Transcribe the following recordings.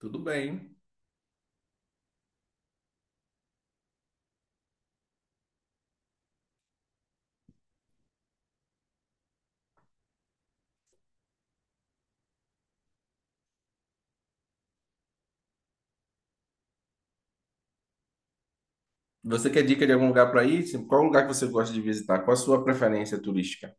Tudo bem. Você quer dica de algum lugar para ir? Qual lugar que você gosta de visitar? Qual a sua preferência turística?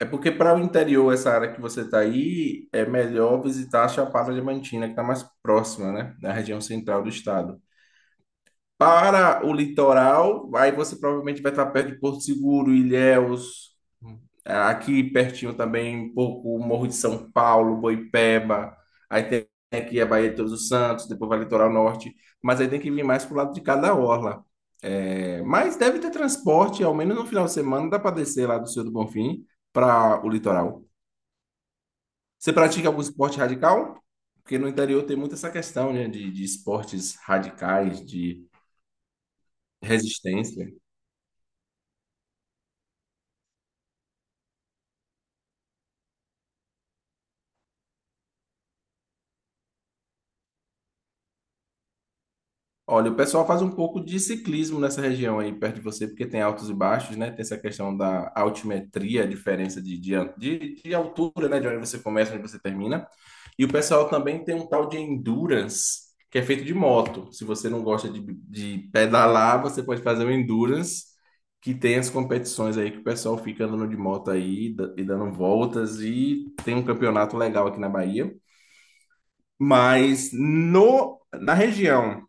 É porque para o interior, essa área que você está aí, é melhor visitar a Chapada Diamantina, que está mais próxima, né? Na região central do estado. Para o litoral, aí você provavelmente vai estar perto de Porto Seguro, Ilhéus, aqui pertinho também, um pouco o Morro de São Paulo, Boipeba, aí tem aqui a Baía de Todos os Santos, depois vai litoral norte, mas aí tem que vir mais pro lado de cada orla. É, mas deve ter transporte, ao menos no final de semana dá para descer lá do Senhor do Bonfim para o litoral. Você pratica algum esporte radical? Porque no interior tem muito essa questão, né, de esportes radicais, de resistência. Olha, o pessoal faz um pouco de ciclismo nessa região aí perto de você, porque tem altos e baixos, né? Tem essa questão da altimetria, a diferença de altura, né? De onde você começa, onde você termina. E o pessoal também tem um tal de endurance, que é feito de moto. Se você não gosta de pedalar, você pode fazer o endurance, que tem as competições aí que o pessoal fica andando de moto aí da- e dando voltas. E tem um campeonato legal aqui na Bahia. Mas no, na região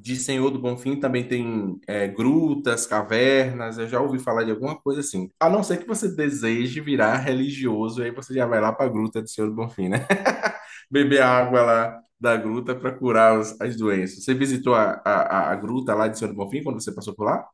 de Senhor do Bonfim também tem é, grutas, cavernas, eu já ouvi falar de alguma coisa assim. A não ser que você deseje virar religioso, aí você já vai lá para a gruta do Senhor do Bonfim, né? Beber a água lá da gruta para curar as doenças. Você visitou a gruta lá de Senhor do Bonfim quando você passou por lá?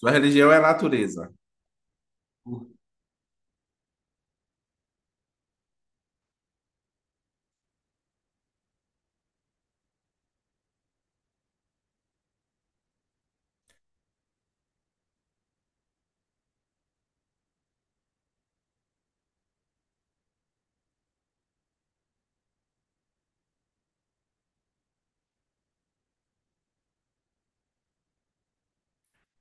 Sua religião é a natureza.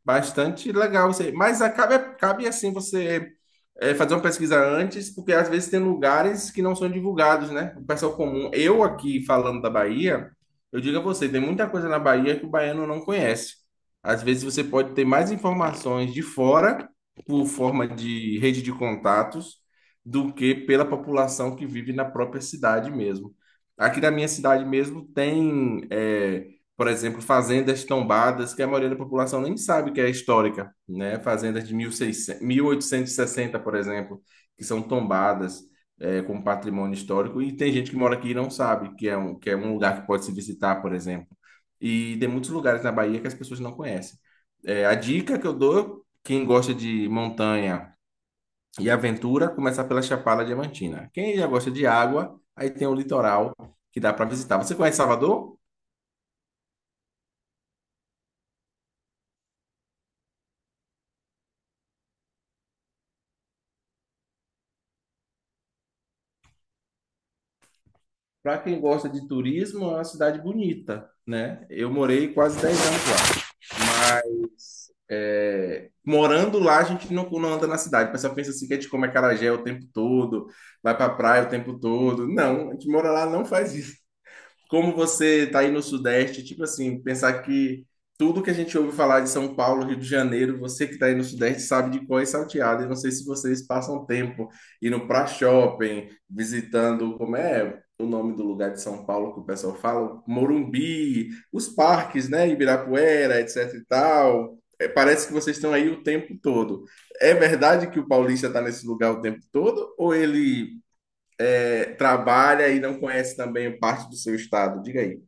Bastante legal você. Mas acaba, cabe assim você é, fazer uma pesquisa antes, porque às vezes tem lugares que não são divulgados, né? O pessoal comum. Eu aqui falando da Bahia, eu digo a você, tem muita coisa na Bahia que o baiano não conhece. Às vezes você pode ter mais informações de fora, por forma de rede de contatos, do que pela população que vive na própria cidade mesmo. Aqui na minha cidade mesmo tem. É, por exemplo, fazendas tombadas que a maioria da população nem sabe que é histórica, né? Fazendas de mil e seiscentos, mil oitocentos e sessenta por exemplo, que são tombadas é, como patrimônio histórico e tem gente que mora aqui e não sabe que é um lugar que pode se visitar, por exemplo. E tem muitos lugares na Bahia que as pessoas não conhecem. É, a dica que eu dou, quem gosta de montanha e aventura, começar pela Chapada Diamantina. Quem já gosta de água, aí tem o litoral que dá para visitar. Você conhece Salvador? Para quem gosta de turismo, é uma cidade bonita, né? Eu morei quase 10 anos lá, mas é, morando lá a gente não, não anda na cidade. O pessoal pensa assim que a gente come acarajé o tempo todo, vai para praia o tempo todo. Não, a gente mora lá, não faz isso como você está aí no Sudeste, tipo assim, pensar que tudo que a gente ouve falar de São Paulo, Rio de Janeiro, você que está aí no Sudeste sabe de cor e salteado. Eu não sei se vocês passam tempo indo para shopping, visitando, como é o nome do lugar de São Paulo que o pessoal fala? Morumbi, os parques, né? Ibirapuera, etc e tal. É, parece que vocês estão aí o tempo todo. É verdade que o paulista está nesse lugar o tempo todo? Ou ele é, trabalha e não conhece também parte do seu estado. Diga aí.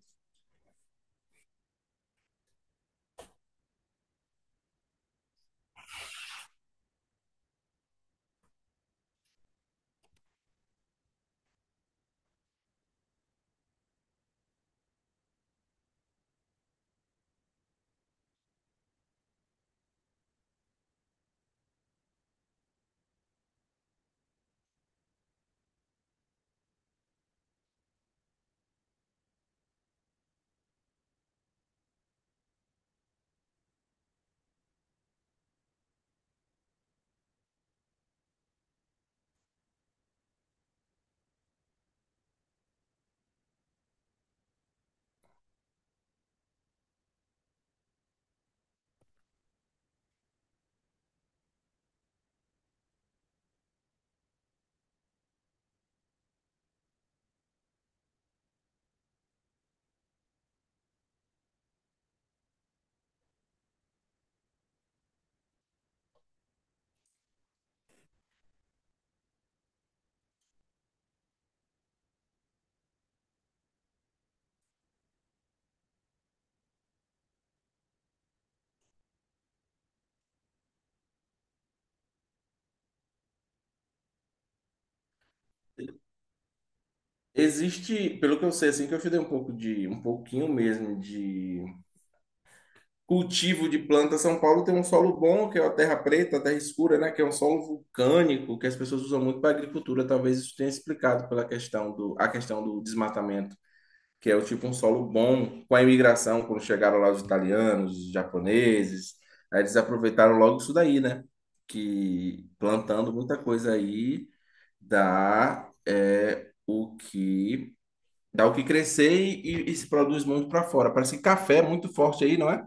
Existe, pelo que eu sei, assim, que eu estudei um pouco de, um pouquinho mesmo de cultivo de planta. São Paulo tem um solo bom, que é a terra preta, a terra escura, né? Que é um solo vulcânico, que as pessoas usam muito para agricultura. Talvez isso tenha explicado pela questão do, a questão do desmatamento, que é o tipo um solo bom com a imigração, quando chegaram lá os italianos, os japoneses, aí eles aproveitaram logo isso daí, né? Que plantando muita coisa aí dá é o que dá o que crescer e se produz muito para fora. Parece que café é muito forte aí, não é?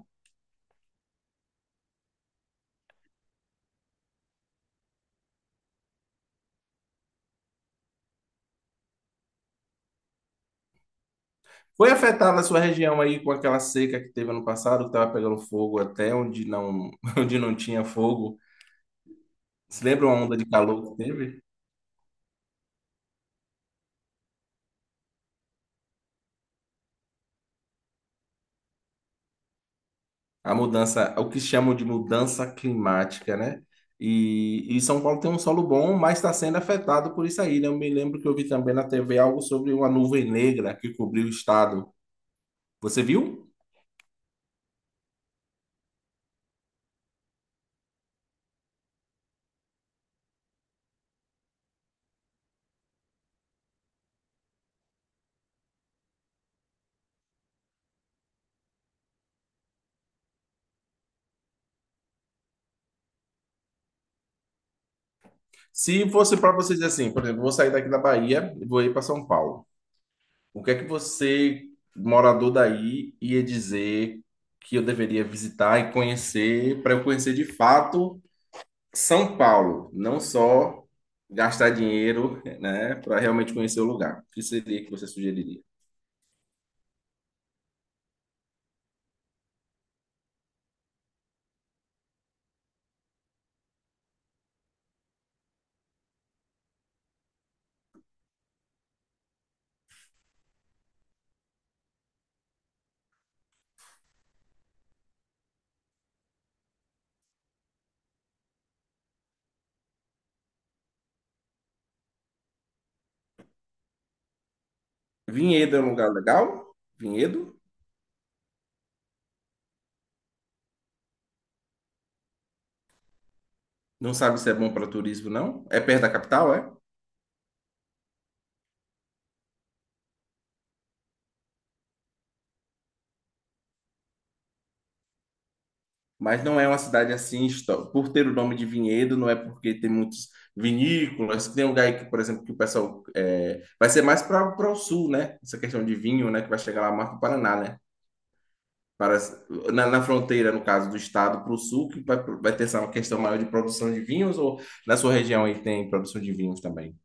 Foi afetada a sua região aí com aquela seca que teve ano passado, que estava pegando fogo até onde não onde não tinha fogo. Se lembra uma onda de calor que teve? A mudança, o que chamam de mudança climática, né? E São Paulo tem um solo bom, mas está sendo afetado por isso aí, né? Eu me lembro que eu vi também na TV algo sobre uma nuvem negra que cobriu o estado. Você viu? Se fosse para você dizer assim, por exemplo, vou sair daqui da Bahia e vou ir para São Paulo. O que é que você, morador daí, ia dizer que eu deveria visitar e conhecer para eu conhecer de fato São Paulo, não só gastar dinheiro, né, para realmente conhecer o lugar? O que seria que você sugeriria? Vinhedo é um lugar legal? Vinhedo? Não sabe se é bom para turismo, não? É perto da capital, é? Mas não é uma cidade assim, por ter o nome de Vinhedo, não é porque tem muitos vinícolas, tem um lugar aí que, por exemplo, que o pessoal é, vai ser mais para o sul, né? Essa questão de vinho, né? Que vai chegar lá mais para o Paraná, né? Para, na fronteira, no caso, do estado para o sul, que vai, vai ter essa questão maior de produção de vinhos, ou na sua região aí tem produção de vinhos também?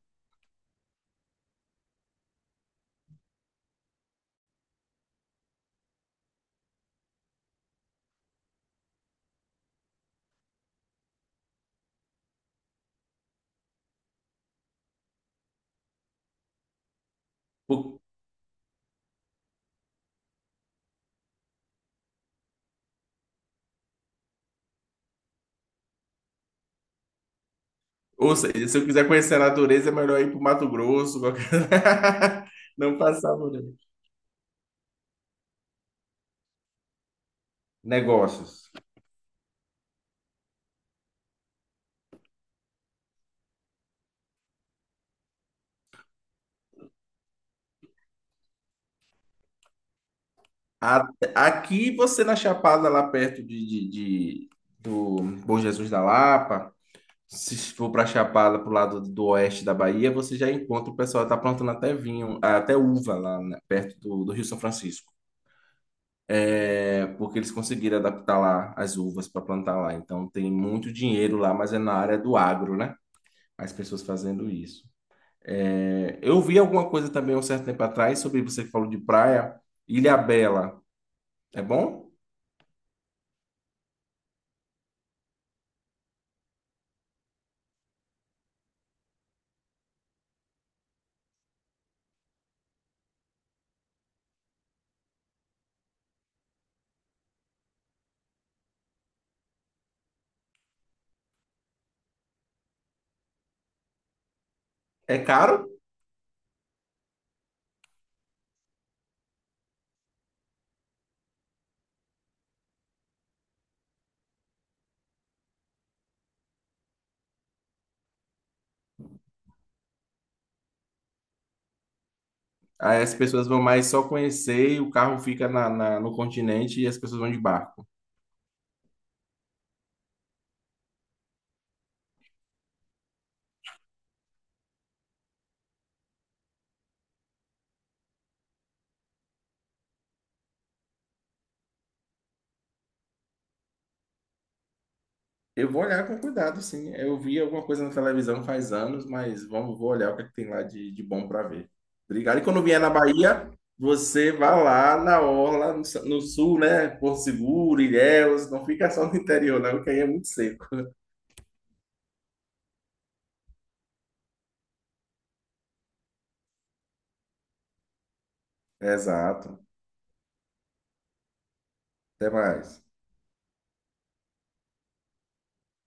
Ou, ou seja, se eu quiser conhecer a natureza, é melhor ir para o Mato Grosso, qualquer... não passar por aí. Negócios. A- Aqui você na Chapada, lá perto de do Bom Jesus da Lapa, se for para Chapada, pro lado do oeste da Bahia, você já encontra o pessoal que tá plantando até vinho, até uva lá né, perto do Rio São Francisco, é, porque eles conseguiram adaptar lá as uvas para plantar lá. Então tem muito dinheiro lá, mas é na área do agro, né? As pessoas fazendo isso. É, eu vi alguma coisa também um certo tempo atrás sobre você que falou de praia, Ilhabela. É bom? É caro? Aí as pessoas vão mais só conhecer e o carro fica na, na- no continente e as pessoas vão de barco. Eu vou olhar com cuidado, sim. Eu vi alguma coisa na televisão faz anos, mas vamos, vou olhar o que, é que tem lá de bom para ver. Obrigado. E quando vier na Bahia, você vai lá na orla, no sul, né? Porto Seguro, Ilhéus, não fica só no interior, não, que aí é muito seco. Exato. Até mais.